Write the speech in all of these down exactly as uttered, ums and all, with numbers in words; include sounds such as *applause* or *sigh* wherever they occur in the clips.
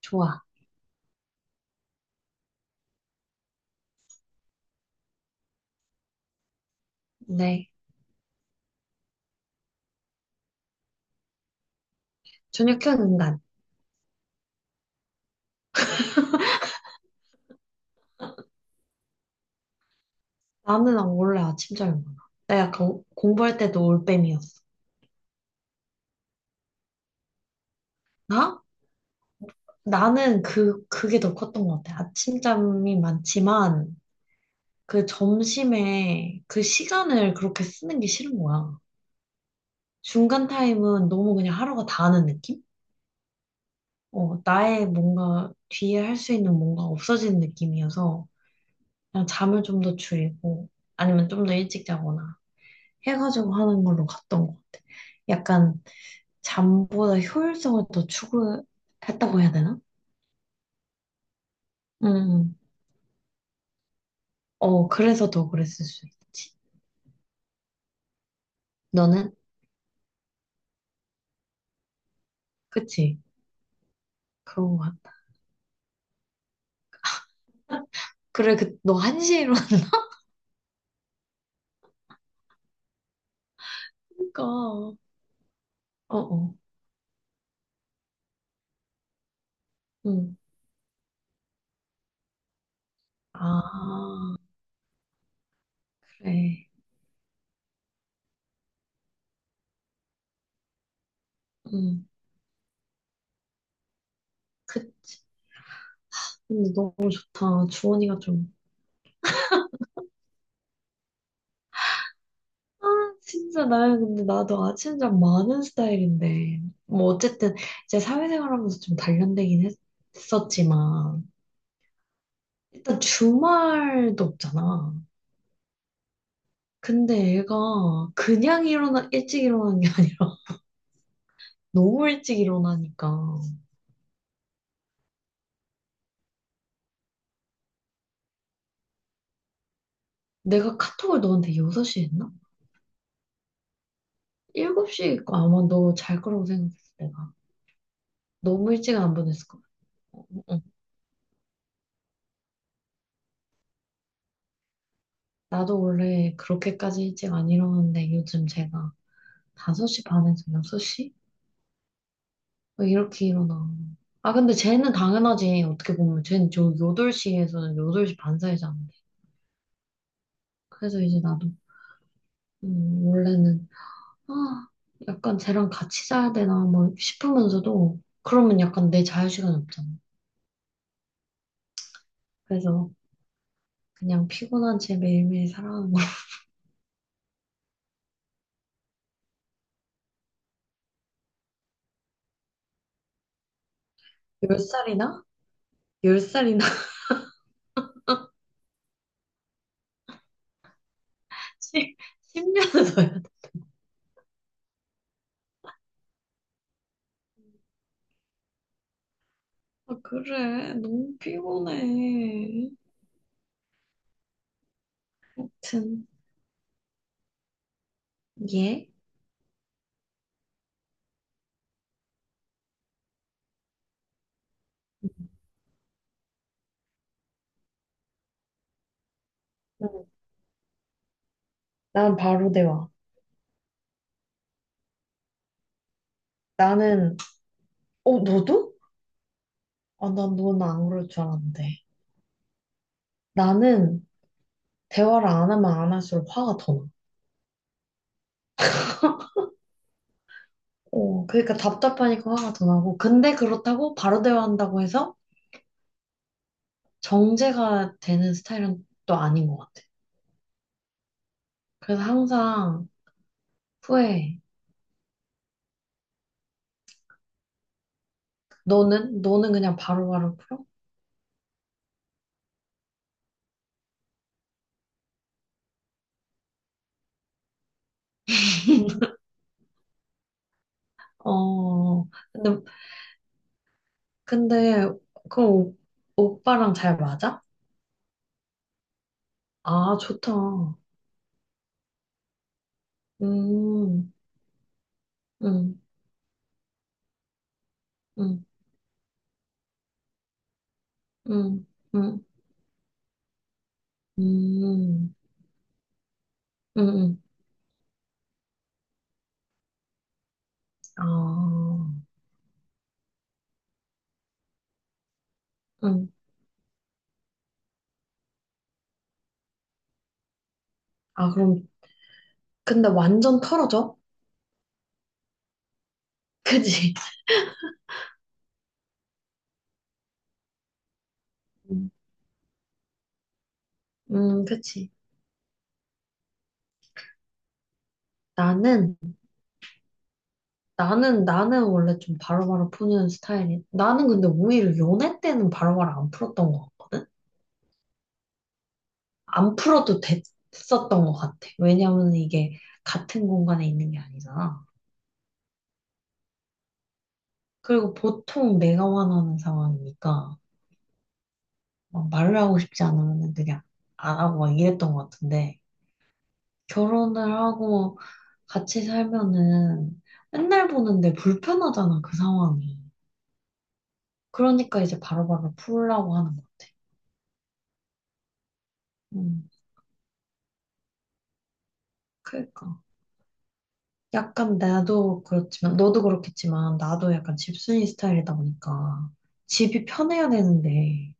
좋아. 네. 저녁형 인간. *laughs* 나는 안래 아침 잘 먹어. 나 약간 공부할 때도 올빼미였어. 나? 나는 그, 그게 더 컸던 것 같아. 아침잠이 많지만, 그 점심에 그 시간을 그렇게 쓰는 게 싫은 거야. 중간 타임은 너무 그냥 하루가 다하는 느낌? 어, 나의 뭔가 뒤에 할 수 있는 뭔가 없어지는 느낌이어서, 그냥 잠을 좀 더 줄이고, 아니면 좀 더 일찍 자거나. 해가지고 하는 걸로 갔던 것 같아. 약간 잠보다 효율성을 더 추구했다고 해야 되나? 음, 어, 그래서 더 그랬을 수 있지. 너는? 그치? 그런 거 같아. 그래, 그, 너 한 시에 일어나니까. *laughs* 어, 어, 응. 아, 그래. 응, 그치. 근데 너무 좋다. 주원이가 좀. 아, 진짜 나야. 근데 나도 아침잠 많은 스타일인데. 뭐, 어쨌든, 이제 사회생활 하면서 좀 단련되긴 했, 했었지만. 일단 주말도 없잖아. 근데 애가 그냥 일어나, 일찍 일어나는 게 아니라 *laughs* 너무 일찍 일어나니까. 내가 카톡을 너한테 여섯 시에 했나? 일곱 시에 있고 아마 너 잘 거라고 생각했어, 내가. 너무 일찍 안 보냈을 거야. 응. 나도 원래 그렇게까지 일찍 안 일어나는데 요즘 제가 다섯 시 반에서 여섯 시? 뭐 이렇게 일어나. 아, 근데 쟤는 당연하지. 어떻게 보면 쟤는 저 여덟 시에서 여덟 시 반 사이잖아. 그래서 이제 나도, 음, 원래는 아, 약간 쟤랑 같이 자야 되나 뭐 싶으면서도 그러면 약간 내 자유시간이 없잖아. 그래서 그냥 피곤한 쟤 매일매일 살아하는거 *laughs* 열 살이나? 열 살이나? *laughs* 십, 십 년을 더야 해 돼. 아, 그래. 너무 피곤해. 아무튼, 예. 응, 난 바로 대화. 나는, 어, 너도? 아, 난 너는 안 그럴 줄 알았는데. 나는 대화를 안 하면 안 할수록 화가 더 나. 어, 그러니까 답답하니까 화가 더 나고. 근데 그렇다고 바로 대화한다고 해서 정제가 되는 스타일은 또 아닌 것 같아. 그래서 항상 후회해. 너는? 너는 그냥 바로바로 풀어? 어, 근데, 근데, 그 오, 오빠랑 잘 맞아? 아, 좋다. 음, 음, 음, 음, 음, 음, 음, 음. 음. 아, 음. 아, 그럼, 근데 완전 털어져? *laughs* 그지? 음, 음, 그치. 나는, 나는, 나는 원래 좀 바로바로 푸는 스타일이. 나는 근데 오히려 연애 때는 바로바로 안 풀었던 거. 안 풀어도 됐었던 것 같아. 왜냐면 이게 같은 공간에 있는 게 아니잖아. 그리고 보통 내가 원하는 상황이니까 막 말을 하고 싶지 않으면 그냥 안 하고 막 이랬던 것 같은데 결혼을 하고 같이 살면은 맨날 보는데 불편하잖아, 그 상황이. 그러니까 이제 바로바로 풀라고 하는 것 같아. 음, 그러니까. 약간 나도 그렇지만, 너도 그렇겠지만, 나도 약간 집순이 스타일이다 보니까, 집이 편해야 되는데,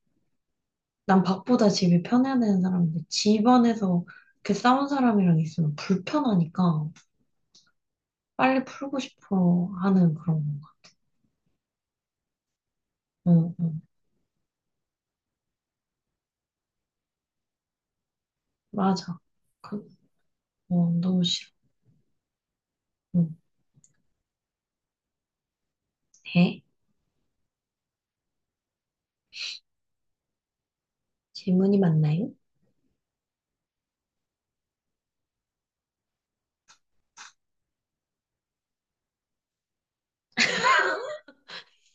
난 밥보다 집이 편해야 되는 사람인데, 집 안에서 이렇게 싸운 사람이랑 있으면 불편하니까, 빨리 풀고 싶어 하는 그런 건가. 응, 응, 맞아. 그, 어, 너무 싫어. 응, 네? 질문이 맞나요?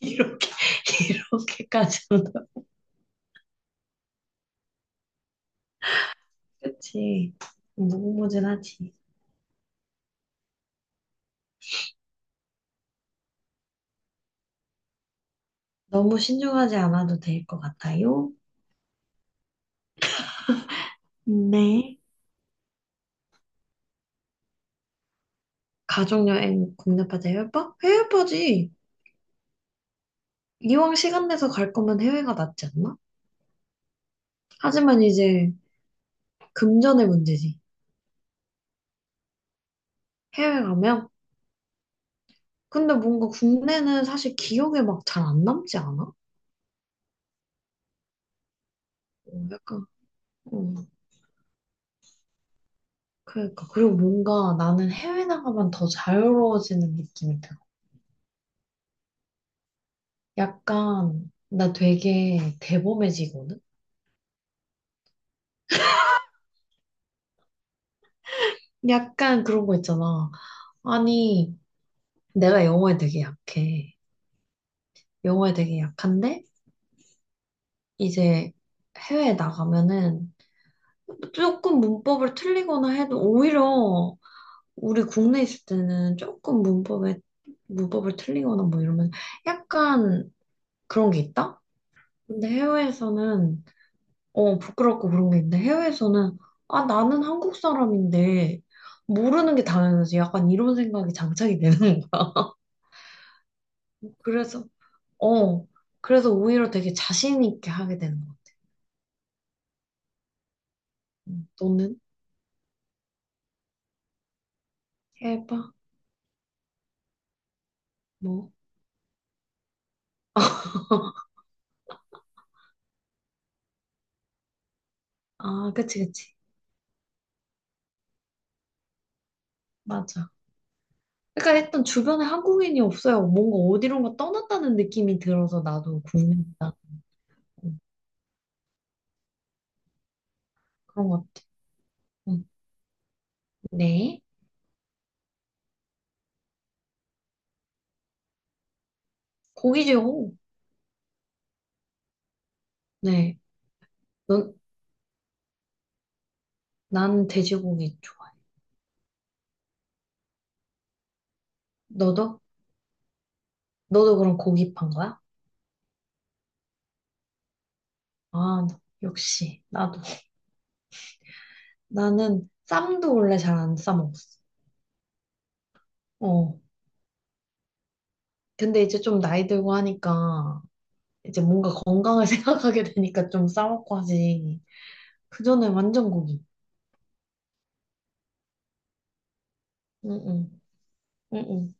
*laughs* 이렇게, 이렇게까지는, *laughs* 그치. 무궁무진하지. 너무 신중하지 않아도 될 것 같아요. 네. 가족여행 국내파다 해외파? 해외파지. 이왕 시간 내서 갈 거면 해외가 낫지 않나? 하지만 이제 금전의 문제지. 해외 가면? 근데 뭔가 국내는 사실 기억에 막 잘 안 남지 않아? 어, 약간, 어, 그러니까. 그리고 뭔가 나는 해외 나가면 더 자유로워지는 느낌이 들어. 약간, 나 되게 대범해지거든? 약간 그런 거 있잖아. 아니, 내가 영어에 되게 약해. 영어에 되게 약한데? 이제 해외에 나가면은 조금 문법을 틀리거나 해도 오히려 우리 국내 있을 때는 조금 문법에 문법을 틀리거나 뭐 이러면 약간 그런 게 있다? 근데 해외에서는 어 부끄럽고 그런 게 있는데 해외에서는 아 나는 한국 사람인데 모르는 게 당연하지 약간 이런 생각이 장착이 되는 거야. 그래서 어 그래서 오히려 되게 자신 있게 하게 되는 것 같아. 음, 너는 해봐 뭐? 아 그치 그치. 맞아. 그러니까 일단 주변에 한국인이 없어요. 뭔가 어디론가 떠났다는 느낌이 들어서 나도 궁금하다. 그런 것 같아. 네. 고기죠. 네. 넌, 나는 돼지고기 좋아해. 너도? 너도 그럼 고기 판 거야? 아, 나- 역시. 나도. 나는 쌈도 원래 잘 안 싸먹었어. 어. 근데 이제 좀 나이 들고 하니까 이제 뭔가 건강을 *laughs* 생각하게 되니까 좀 싸먹고 하지. 그전에 완전 고기. 응응. 응응.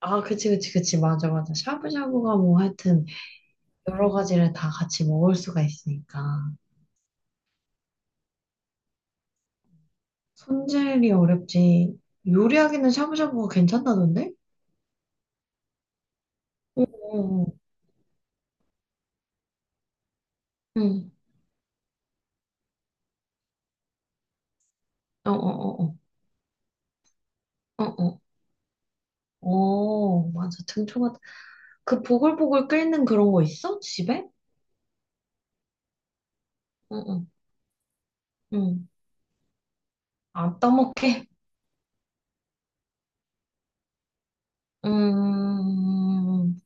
아, 그치, 그치, 그치. 맞아, 맞아. 샤브샤브가 뭐 하여튼 여러 가지를 다 같이 먹을 수가 있으니까. 손질이 어렵지. 요리하기는 샤브샤브가 괜찮다던데? 어, 어, 어. 응. 어, 어, 어, 어, 어, 어. 어, 맞아. 등초가. 그 보글보글 끓는 그런 거 있어? 집에? 응, 응, 응. 안 떠먹게? 음,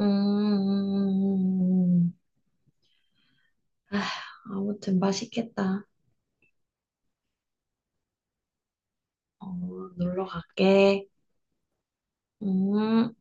음. 아, 아무튼 맛있겠다. 어, 놀러 갈게. 음.